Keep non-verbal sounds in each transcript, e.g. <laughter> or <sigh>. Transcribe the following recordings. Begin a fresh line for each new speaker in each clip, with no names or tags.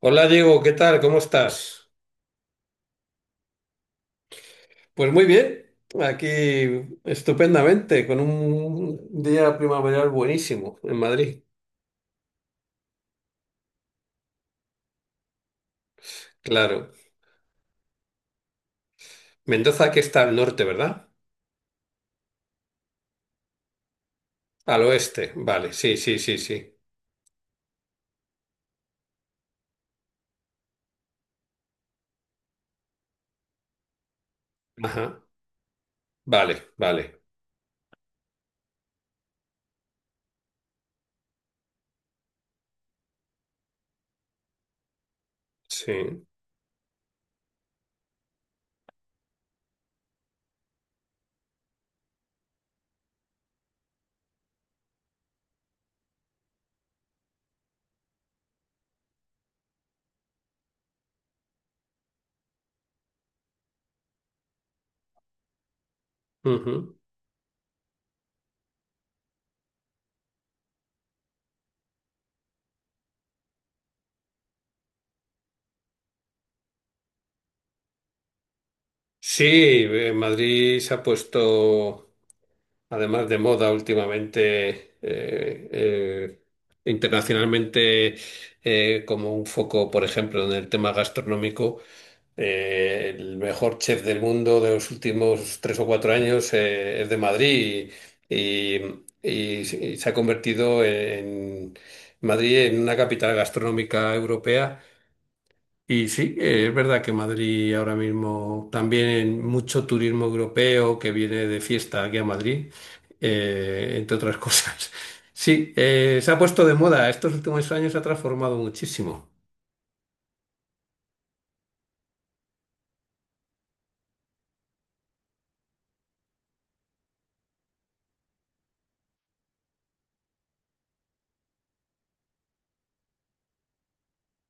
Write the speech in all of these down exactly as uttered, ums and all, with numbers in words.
Hola Diego, ¿qué tal? ¿Cómo estás? Pues muy bien, aquí estupendamente, con un día primaveral buenísimo en Madrid, claro. Mendoza que está al norte, ¿verdad? Al oeste, vale, sí, sí, sí, sí. Ajá, vale, vale, sí. Ujú. Sí, eh, Madrid se ha puesto además de moda últimamente, eh, eh, internacionalmente, eh, como un foco, por ejemplo, en el tema gastronómico. Eh, el mejor chef del mundo de los últimos tres o cuatro años eh, es de Madrid y, y- y se y se ha convertido en Madrid en una capital gastronómica europea. Y sí, eh, es verdad que Madrid ahora mismo también mucho turismo europeo que viene de fiesta aquí a Madrid, eh, entre otras cosas. <laughs> Sí, eh, se ha puesto de moda. Estos últimos años se ha transformado muchísimo.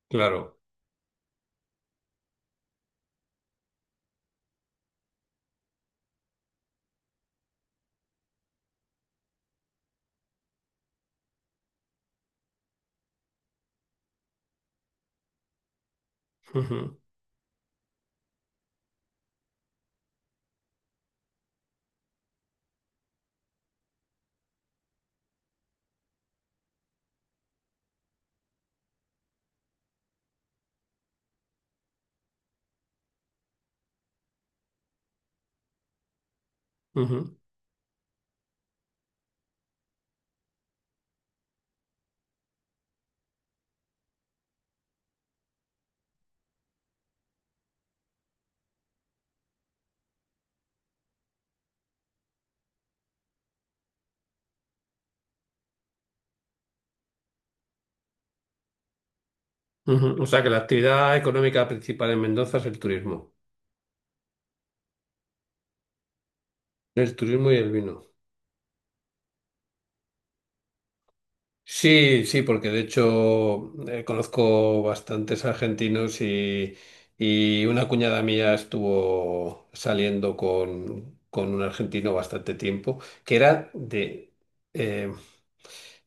Claro. Ujú, ujú. Ujú. O sea que la actividad económica principal en Mendoza es el turismo. El turismo y el vino. Sí, sí, porque de hecho eh, conozco bastantes argentinos y, y una cuñada mía estuvo saliendo con, con un argentino bastante tiempo, que era de, eh,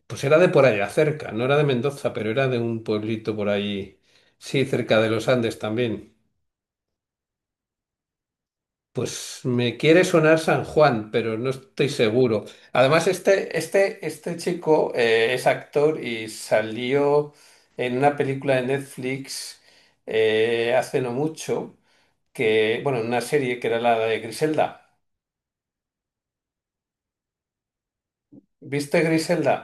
pues era de por allá cerca, no era de Mendoza, pero era de un pueblito por ahí, sí, cerca de los Andes también. Pues me quiere sonar San Juan, pero no estoy seguro. Además, este, este, este chico eh, es actor y salió en una película de Netflix eh, hace no mucho, que, bueno, en una serie que era la de Griselda. ¿Viste Griselda?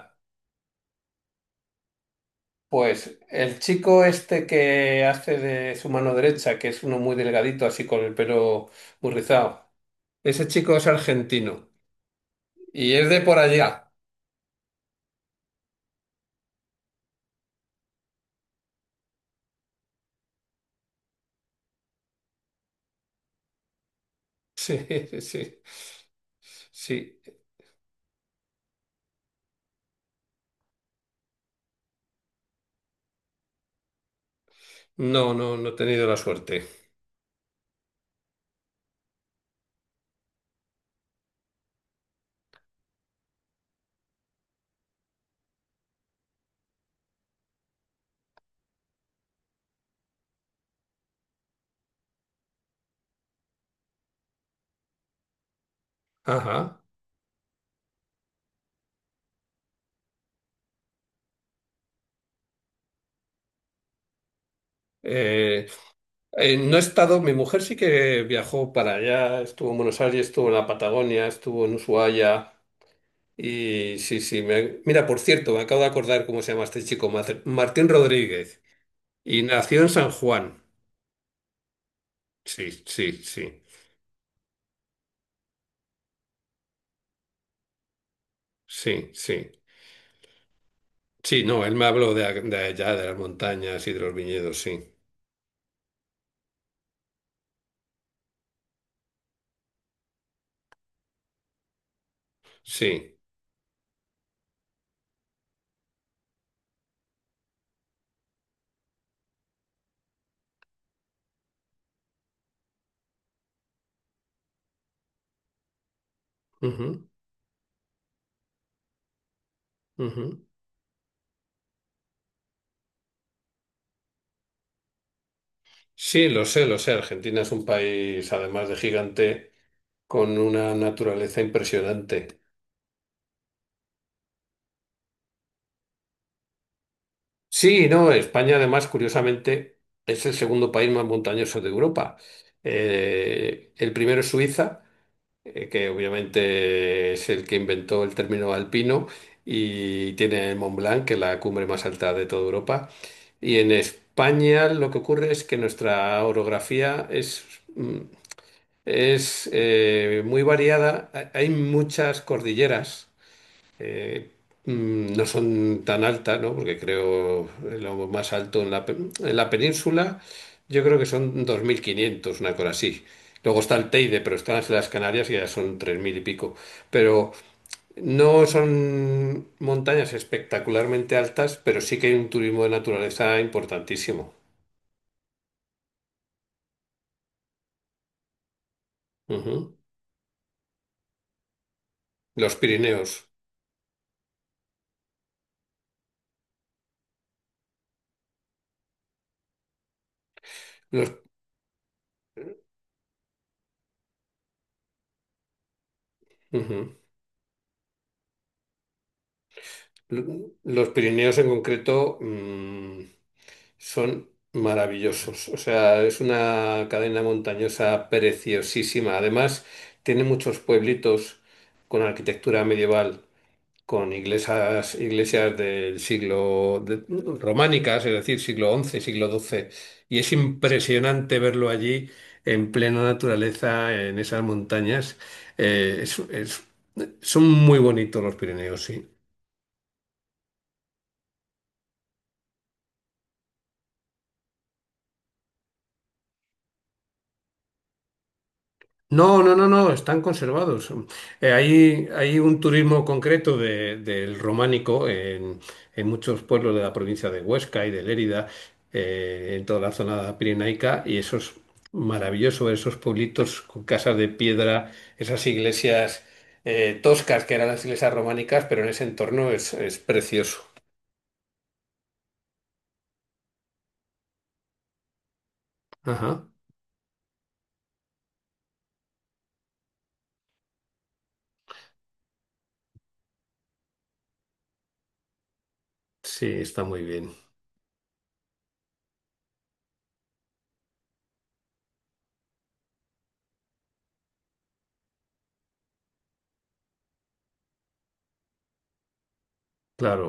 Pues el chico este que hace de su mano derecha, que es uno muy delgadito, así con el pelo muy rizado, ese chico es argentino y es de por allá. Sí, <laughs> sí, sí. No, no, no he tenido la suerte. Ajá. Eh, eh, no he estado, mi mujer sí que viajó para allá, estuvo en Buenos Aires, estuvo en la Patagonia, estuvo en Ushuaia y sí, sí. me- mira, por cierto, me acabo de acordar cómo se llama este chico, Mar- Martín Rodríguez, y nació en San Juan. Sí, sí, sí, sí, sí. Sí, no, él me habló de, a- de allá, de las montañas y de los viñedos, sí, sí. Ujú, ujú. Sí, lo sé, lo sé. Argentina es un país, además de gigante, con una naturaleza impresionante. Sí, no, España, además, curiosamente, es el segundo país más montañoso de Europa. Eh, el primero es Suiza, eh, que obviamente es el que inventó el término alpino, y tiene el Mont Blanc, que es la cumbre más alta de toda Europa. Y en España lo que ocurre es que nuestra orografía es, mm, Es eh, muy variada. Ha- Hay muchas cordilleras. eh, mm, no son tan altas, ¿no? Porque creo lo más alto en la, pe- en la península, yo creo que son dos mil quinientos una cosa así. Luego está el Teide, pero están las las Canarias y ya son tres mil y pico. Pero no son montañas espectacularmente altas, pero sí que hay un turismo de naturaleza importantísimo. Ujú. Los Pirineos. Los, Ujú. L- Los Pirineos en concreto mm, son maravillosos. O sea, es una cadena montañosa preciosísima. Además, tiene muchos pueblitos con arquitectura medieval, con iglesias, iglesias del siglo de- románicas, es decir, siglo once, siglo doce. Y es impresionante verlo allí en plena naturaleza, en esas montañas. Eh, es- es- son muy bonitos los Pirineos, sí. No, no, no, no, están conservados. Eh, hay, hay un turismo concreto de- del románico en, en, muchos pueblos de la provincia de Huesca y de Lérida, eh, en toda la zona pirenaica, y eso es maravilloso, esos pueblitos con casas de piedra, esas iglesias eh, toscas que eran las iglesias románicas, pero en ese entorno es, es precioso. Ajá, sí, está muy bien. Claro,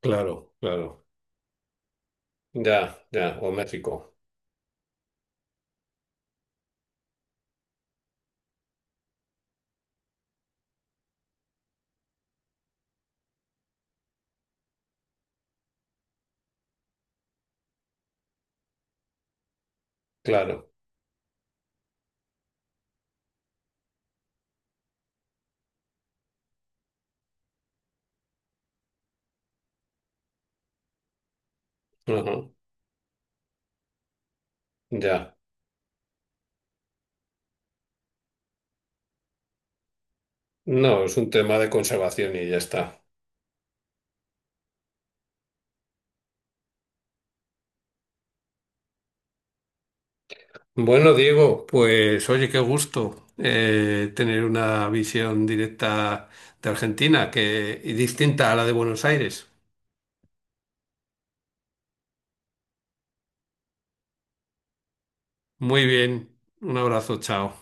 claro, claro. Ya, ya, o México, claro. Ajá, ya. No, es un tema de conservación y ya está. Bueno, Diego, pues oye, qué gusto eh, tener una visión directa de Argentina que, y distinta a la de Buenos Aires. Muy bien, un abrazo, chao.